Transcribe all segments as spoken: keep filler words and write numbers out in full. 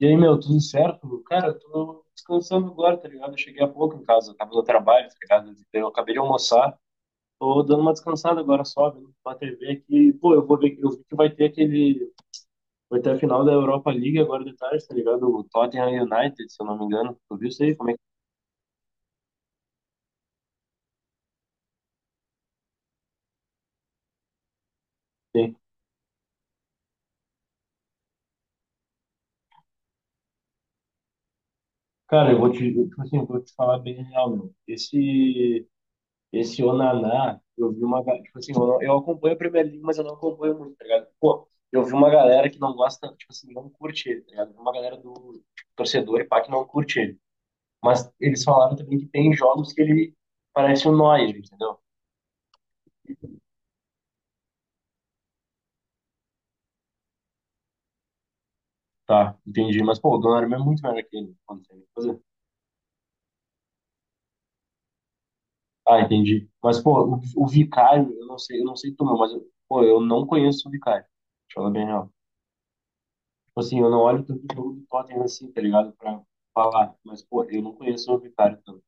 E aí, meu, tudo certo? Cara, eu tô descansando agora, tá ligado? Eu cheguei há pouco em casa, eu tava no trabalho, tá ligado? Então, eu acabei de almoçar, tô dando uma descansada agora só, vendo uma T V aqui. Pô, eu vou ver, eu vi que vai ter aquele, vai ter a final da Europa League agora de tarde, tá ligado? O Tottenham United, se eu não me engano. Tu viu isso aí? Como é que tem? Cara, eu vou te, tipo assim, eu vou te falar bem real, meu. Esse, Esse Onaná, eu vi uma. ga- tipo assim, eu, não- eu acompanho a Premier League, mas eu não acompanho muito, tá ligado? Pô, eu vi uma galera que não gosta, tipo assim, não curte ele, tá ligado? Eu vi uma galera do torcedor e pá que não curte ele. Mas eles falaram também que tem jogos que ele parece um Neuer, entendeu? Tá, entendi. Mas, pô, o Donnarumma é muito melhor que ele. Pô, não tem o que fazer. Ah, entendi. Mas, pô, o, o Vicário, eu não sei, eu não sei tu, meu, mas, eu- pô, eu não conheço o Vicário. Deixa eu falar bem real. Tipo assim, eu não olho tanto o jogo do Tottenham assim, tá ligado? Pra falar. Mas, pô, eu não conheço o Vicario tanto.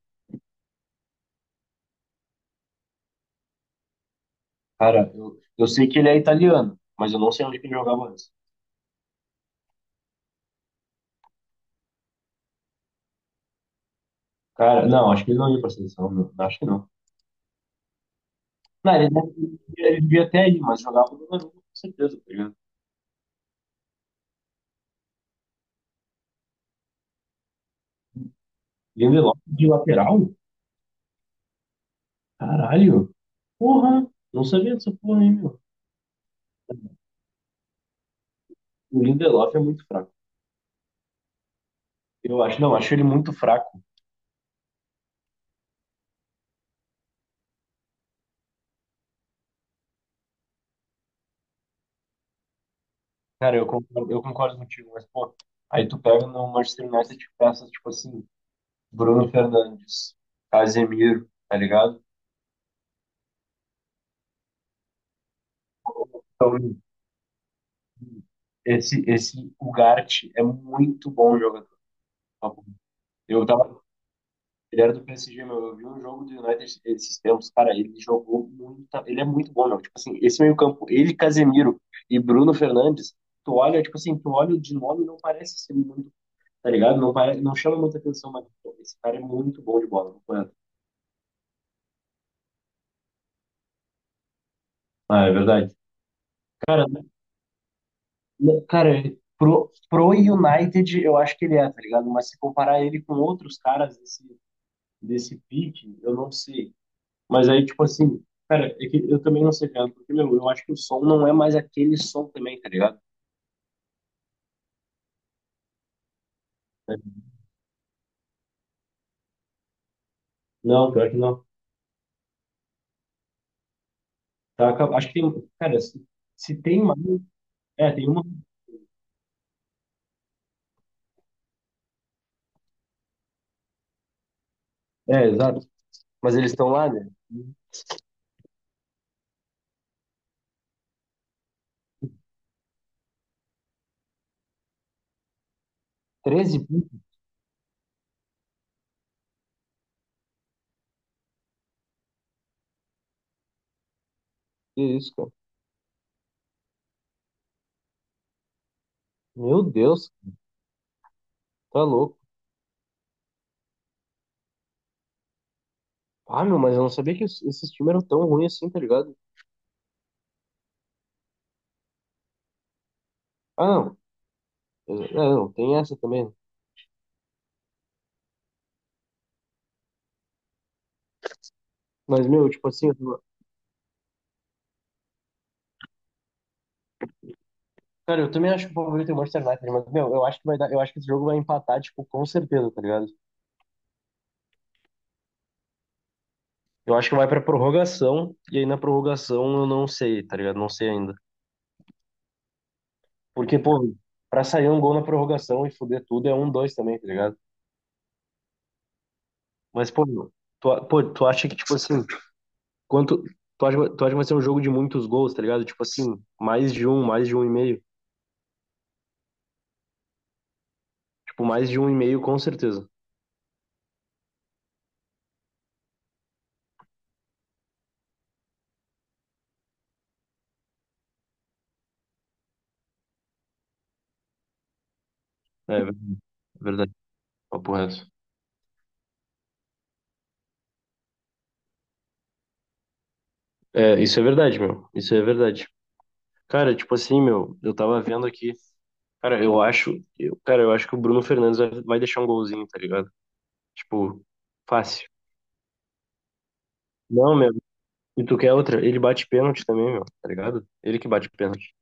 Cara, eu, eu sei que ele é italiano, mas eu não sei onde que ele jogava antes. Cara, não, acho que ele não ia pra seleção, meu. Acho que não. Não, ele, ele devia até ir, mas jogava no Danone, com certeza, tá ligado? Lindelof de lateral? Caralho! Porra! Não sabia dessa porra, hein, meu. O Lindelof é muito fraco. Eu acho, não, acho ele muito fraco. Cara, eu concordo, eu concordo contigo, mas, pô, aí tu pega no Manchester United e peças, tipo assim, Bruno Fernandes, Casemiro, tá ligado? Então, esse, esse Ugarte é muito bom jogador. Tá bom? Eu tava. Ele era do P S G, meu. Eu vi um jogo do United esses esses tempos, cara. Ele jogou muito. Ele é muito bom, meu. Tipo assim, esse meio-campo, ele, Casemiro e Bruno Fernandes, tu olha, tipo assim, tu olha de nome e não parece ser muito, tá ligado? Não, pare, não chama muita atenção, mas pô, esse cara é muito bom de bola. Não é? Ah, é verdade. Cara, não, cara, pro, pro United, eu acho que ele é, tá ligado? Mas se comparar ele com outros caras desse, desse pique, eu não sei. Mas aí, tipo assim, cara, é que eu também não sei, cara, porque, meu, eu acho que o som não é mais aquele som também, tá ligado? Não, pior que não. Tá, acab- acho que tem, cara, se, se tem mais, é, tem uma, é, exato. Mas eles estão lá, né? treze piques, que isso, cara. Meu Deus, tá louco. Ah, meu, mas eu não sabia que os- esses times eram tão ruins assim, tá ligado? Ah, não, é, não, tem essa também. Mas, meu, tipo assim, eu- cara, eu também acho que o favorito é o Manchester United, mas, meu, eu acho que vai dar, eu acho que esse jogo vai empatar, tipo, com certeza, tá ligado? Eu acho que vai pra prorrogação, e aí na prorrogação eu não sei, tá ligado? Não sei ainda. Porque, pô, pra sair um gol na prorrogação e foder tudo é um, dois também, tá ligado? Mas, pô, meu, tu, a- pô, tu acha que, tipo assim, quanto. Tu acha, tu acha que vai ser um jogo de muitos gols, tá ligado? Tipo assim, mais de um, mais de um e meio. Tipo, mais de um e meio, com certeza. É, verdade. Papo reto. É, isso é verdade, meu. Isso é verdade. Cara, tipo assim, meu, eu tava vendo aqui. Cara, eu acho. Eu, cara, eu acho que o Bruno Fernandes vai, vai deixar um golzinho, tá ligado? Tipo, fácil. Não, meu. E tu quer outra? Ele bate pênalti também, meu, tá ligado? Ele que bate pênalti.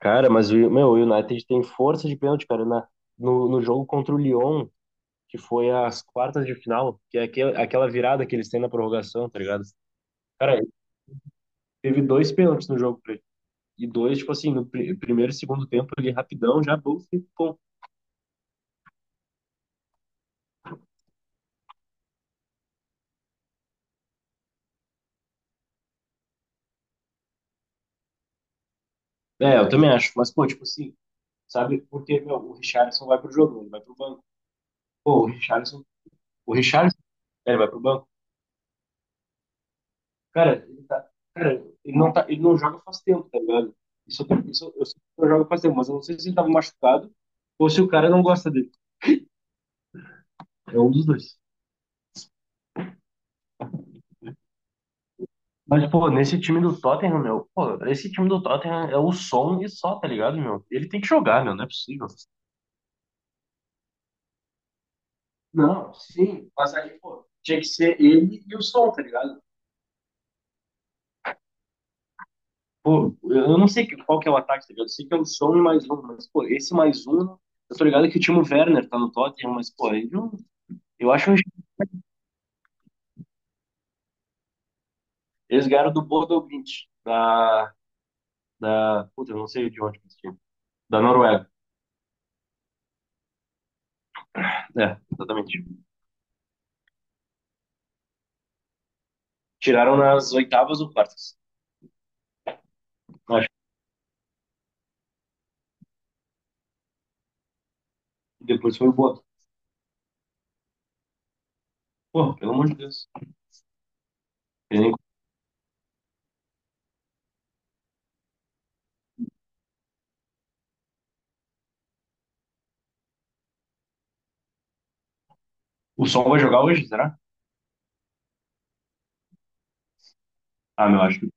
Cara, mas o, meu, o United tem força de pênalti, cara. Na, no, no jogo contra o Lyon, que foi as quartas de final, que é aquela, aquela virada que eles têm na prorrogação, tá ligado? Cara, teve dois pênaltis no jogo e dois, tipo assim, no pri- primeiro e segundo tempo ali, rapidão, já bom, pô. É, eu também acho. Mas, pô, tipo assim, sabe? Porque, meu, o Richarlison vai pro jogo, ele vai pro banco. Pô, o Richarlison, o Richarlison, é, ele vai pro banco. Cara, ele tá, cara, ele não tá, ele não joga faz tempo, tá ligado? Isso, eu tenho- isso eu eu sei que não joga faz tempo, mas eu não sei se ele tava machucado ou se o cara não gosta dele. É um dos dois. Mas, pô, nesse time do Tottenham, meu, pô, esse time do Tottenham é o som e só, tá ligado, meu? Ele tem que jogar, meu, não é possível. Não, sim, mas aí, pô, tinha que ser ele e o som, tá ligado? Pô, eu não sei que- qual que é o ataque, tá ligado? Eu sei que é o som e mais um, mas, pô, esse mais um, eu tô ligado que o Timo Werner tá no Tottenham, mas, pô, ele não, eu acho um... Eles ganharam do Bodo Glimt, da, da, puta, eu não sei de onde que esse time, da Noruega, é, exatamente. Tiraram nas oitavas ou quartas, acho que depois foi o Bodo. Pô, pelo amor de Deus. Ele nem- O som vai jogar hoje, será? Ah, meu, acho que,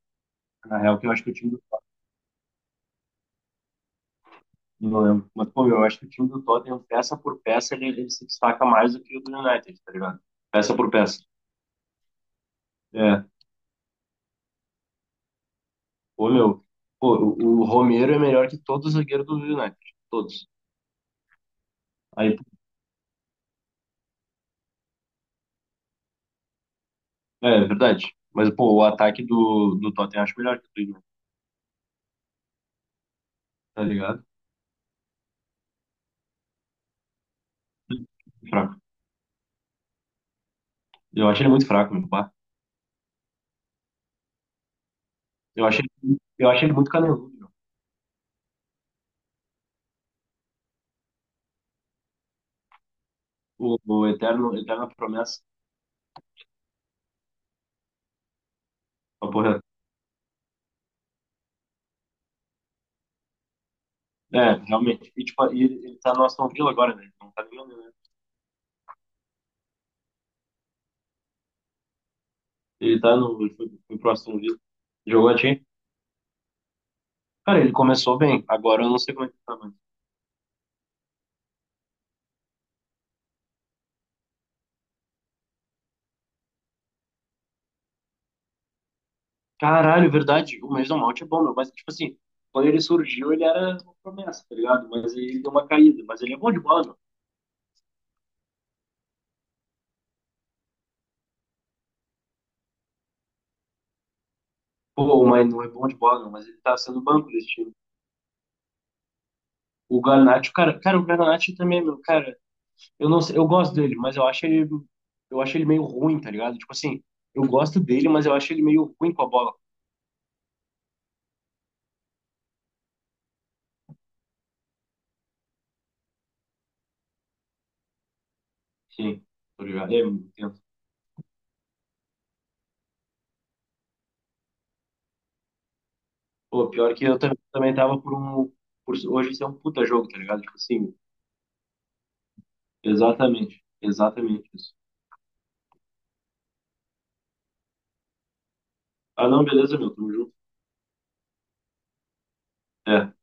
na real, que eu acho que o time do Não lembro. Mas, pô, meu, eu acho que o time do Tottenham, peça por peça, ele, ele se destaca mais do que o do United, tá ligado? Peça por peça. É. Pô, meu, pô, o o Romero é melhor que todos os zagueiros do United. Todos. Aí, é, é verdade. Mas, pô, o ataque do, do Tottenham eu acho melhor que o do United, tá ligado? Fraco. Eu acho ele muito fraco, meu. Pá. Eu acho ele, eu acho ele muito caneludo, meu. O, o eterno, eterna promessa. Uma porra. É, realmente. E, tipo, e ele, ele tá no Aston Villa agora, né? Não tá nem ele tá no. Ele foi, foi pro Aston Villa. Jogou a Champions. Cara, ele começou bem. Agora eu não sei como é que tá, mas. Caralho, verdade. O Mason Mount é bom, meu. Mas, tipo assim, quando ele surgiu, ele era uma promessa, tá ligado? Mas ele deu uma caída. Mas ele é bom de bola, meu. Pô, mas não é bom de bola, meu. Mas ele tá sendo banco desse time. O Garnacho, cara, cara, o Garnacho também, meu. Cara, eu não sei. Eu gosto dele, mas eu acho ele. Eu acho ele meio ruim, tá ligado? Tipo assim, eu gosto dele, mas eu acho ele meio ruim com a bola. Sim, tá ligado? É, eu entendo. Pô, pior que eu tam- também tava por um. Por hoje ser um puta jogo, tá ligado? Tipo assim, exatamente. Exatamente isso. Ah, não, beleza, meu, tamo junto. É.